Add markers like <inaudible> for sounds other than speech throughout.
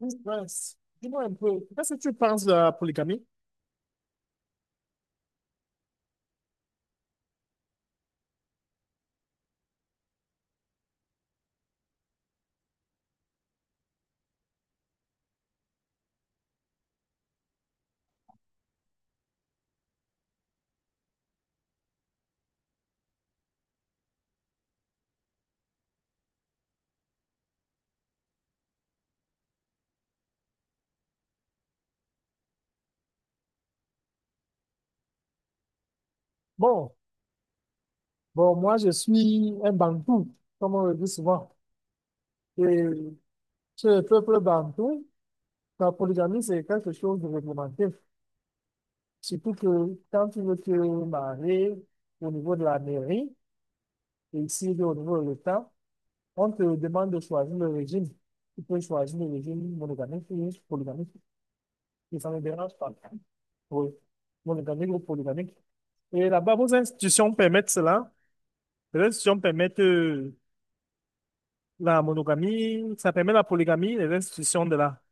Oui, Prince, dis-moi un peu, qu'est-ce que tu penses de la polygamie? Bon, bon, moi je suis un Bantou, comme on le dit souvent. Et chez le peuple Bantou, la polygamie c'est quelque chose de réglementé. Surtout que quand tu veux te marier au niveau de la mairie, et ici au niveau de l'État, on te demande de choisir le régime. Tu peux choisir le régime monogamique ou polygamique, et ça ne me dérange pas. Oui, monogamique ou polygamique. Et là-bas, vos institutions permettent cela? Les institutions permettent la monogamie, ça permet la polygamie, les institutions de la...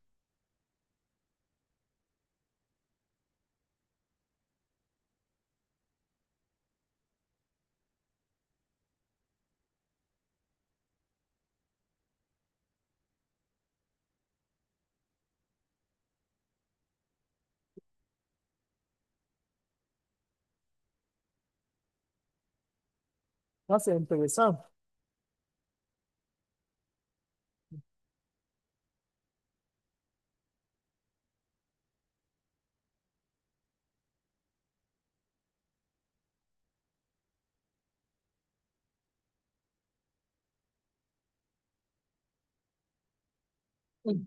Ça, c'est intéressant. Mm.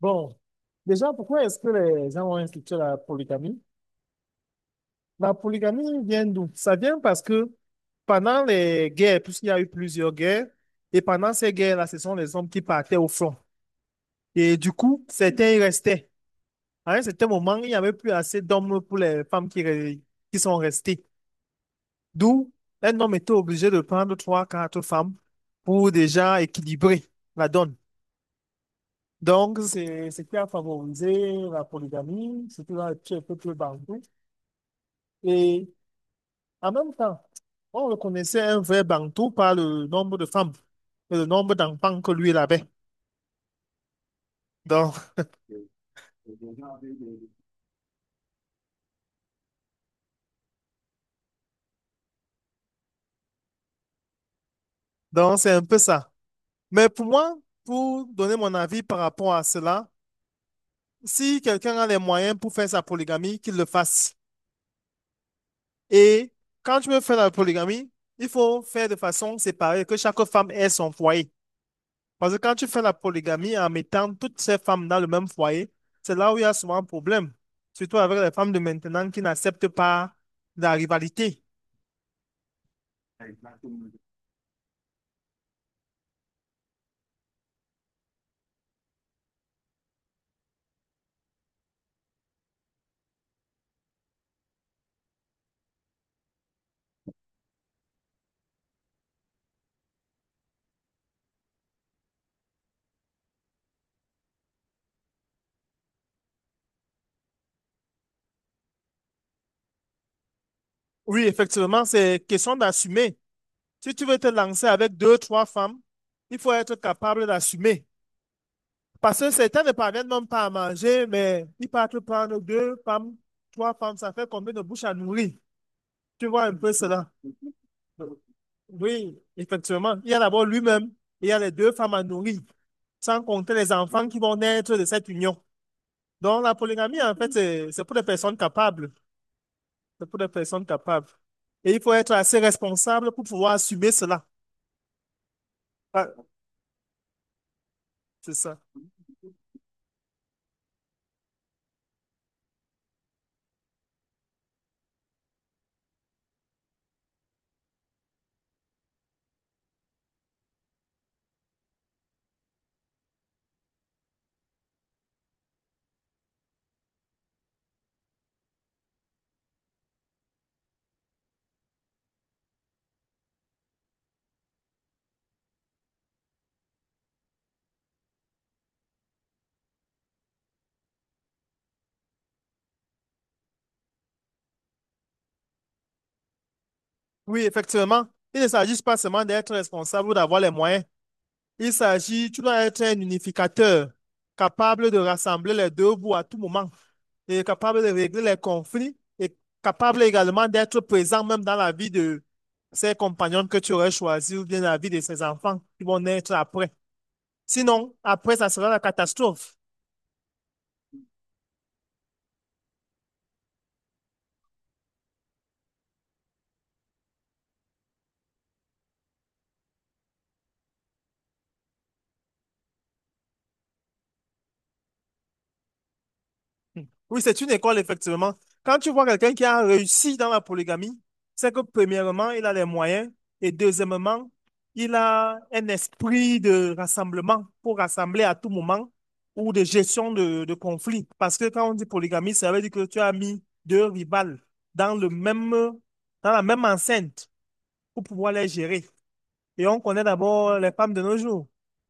Bon, déjà, pourquoi est-ce que les gens ont institué la polygamie? La polygamie vient d'où? Ça vient parce que pendant les guerres, puisqu'il y a eu plusieurs guerres, et pendant ces guerres-là, ce sont les hommes qui partaient au front. Et du coup, certains y restaient. À un certain moment, il n'y avait plus assez d'hommes pour les femmes qui, qui sont restées. D'où, un homme était obligé de prendre trois, quatre femmes pour déjà équilibrer la donne. Donc, c'est ce qui a favorisé la polygamie, surtout dans les peuples bantou. Et en même temps, on reconnaissait un vrai Bantou par le nombre de femmes et le nombre d'enfants que lui il avait. Donc, donc, c'est un peu ça. Mais pour moi, pour donner mon avis par rapport à cela, si quelqu'un a les moyens pour faire sa polygamie, qu'il le fasse. Et quand tu veux faire la polygamie, il faut faire de façon séparée, que chaque femme ait son foyer. Parce que quand tu fais la polygamie en mettant toutes ces femmes dans le même foyer, c'est là où il y a souvent un problème. Surtout avec les femmes de maintenant qui n'acceptent pas la rivalité. Oui, effectivement, c'est question d'assumer. Si tu veux te lancer avec deux, trois femmes, il faut être capable d'assumer. Parce que certains ne parviennent même pas à manger, mais ils partent prendre deux femmes, trois femmes, ça fait combien de bouches à nourrir? Tu vois un peu cela. Oui, effectivement. Il y a d'abord lui-même, il y a les deux femmes à nourrir, sans compter les enfants qui vont naître de cette union. Donc la polygamie, en fait, c'est pour les personnes capables. C'est pour les personnes capables. Et il faut être assez responsable pour pouvoir assumer cela. Ah, c'est ça. Oui, effectivement. Il ne s'agit pas seulement d'être responsable ou d'avoir les moyens. Il s'agit, tu dois être un unificateur, capable de rassembler les deux bouts à tout moment, et capable de régler les conflits, et capable également d'être présent même dans la vie de ses compagnons que tu aurais choisis ou bien la vie de ses enfants qui vont naître après. Sinon, après, ça sera la catastrophe. Oui, c'est une école, effectivement. Quand tu vois quelqu'un qui a réussi dans la polygamie, c'est que premièrement, il a les moyens et deuxièmement, il a un esprit de rassemblement pour rassembler à tout moment ou de gestion de conflits. Parce que quand on dit polygamie, ça veut dire que tu as mis deux rivales dans le même, dans la même enceinte pour pouvoir les gérer. Et on connaît d'abord les femmes de nos jours.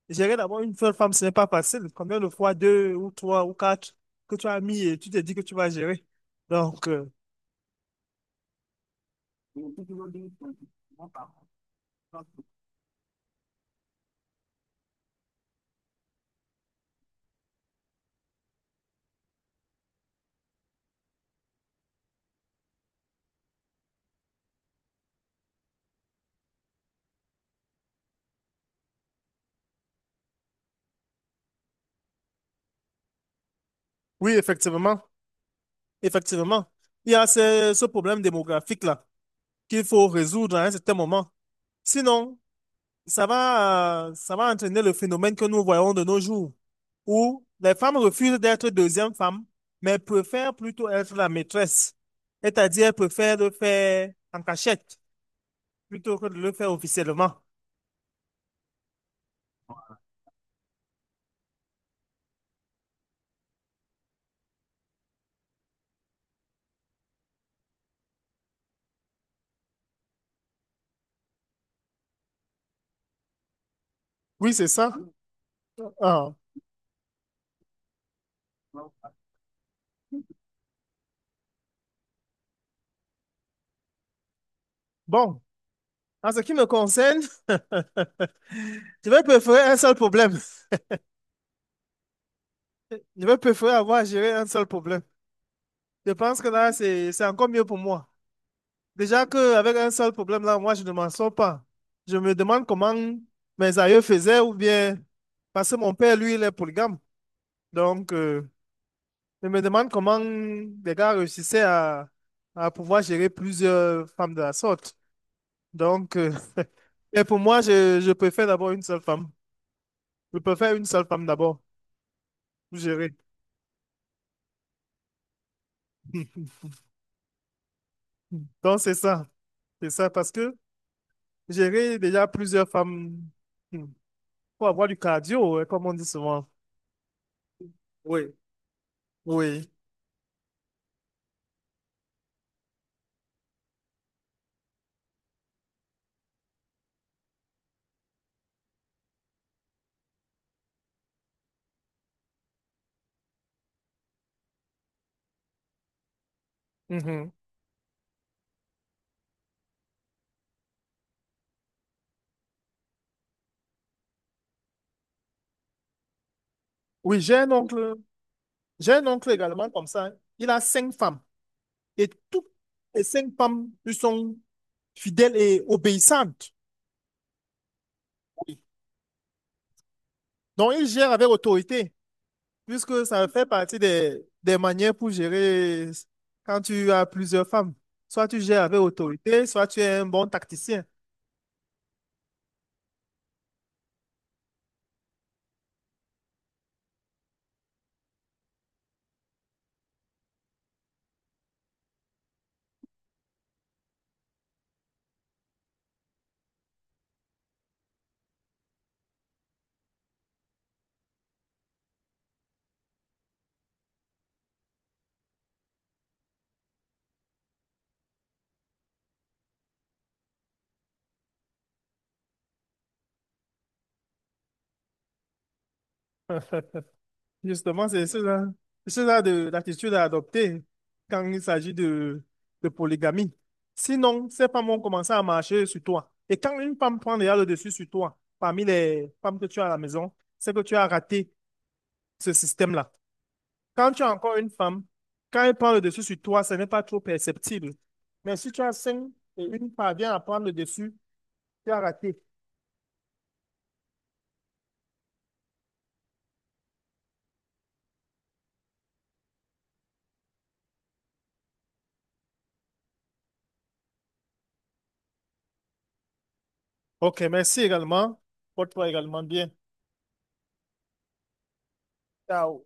Gérer d'abord une seule femme, ce n'est pas facile. Combien de fois, deux ou trois ou quatre que tu as mis et tu te dis que tu vas gérer. Donc, oui, effectivement, effectivement. Il y a ce problème démographique-là qu'il faut résoudre à un certain moment. Sinon, ça va entraîner le phénomène que nous voyons de nos jours, où les femmes refusent d'être deuxième femme, mais préfèrent plutôt être la maîtresse. C'est-à-dire, préfèrent le faire en cachette, plutôt que de le faire officiellement. Oui, c'est ça. Ah. Bon, en ce qui me concerne, <laughs> je vais préférer un seul problème. Je vais préférer avoir à gérer un seul problème. Je pense que là, c'est encore mieux pour moi. Déjà qu'avec un seul problème, là, moi, je ne m'en sors pas. Je me demande comment mes aïeux faisaient ou bien... Parce que mon père, lui, il est polygame. Donc, je me demande comment les gars réussissaient à pouvoir gérer plusieurs femmes de la sorte. Donc, <laughs> et pour moi, je préfère d'abord une seule femme. Je préfère une seule femme d'abord pour gérer. <laughs> Donc, c'est ça. C'est ça parce que gérer déjà plusieurs femmes, hmm, faut avoir du cardio, hein, comme on dit souvent. Oui. Oui. Mhm. Oui, j'ai un oncle également comme ça, hein. Il a 5 femmes et toutes les 5 femmes lui sont fidèles et obéissantes. Oui. Donc, il gère avec autorité. Puisque ça fait partie des manières pour gérer quand tu as plusieurs femmes. Soit tu gères avec autorité, soit tu es un bon tacticien. <laughs> Justement, c'est ce l'attitude à adopter quand il s'agit de polygamie. Sinon, ces femmes vont commencer à marcher sur toi. Et quand une femme prend déjà le dessus sur toi, parmi les femmes que tu as à la maison, c'est que tu as raté ce système-là. Quand tu as encore une femme, quand elle prend le dessus sur toi, ce n'est pas trop perceptible. Mais si tu as 5 et une parvient à prendre le dessus, tu as raté. OK, merci également. Porte-toi également bien. Ciao.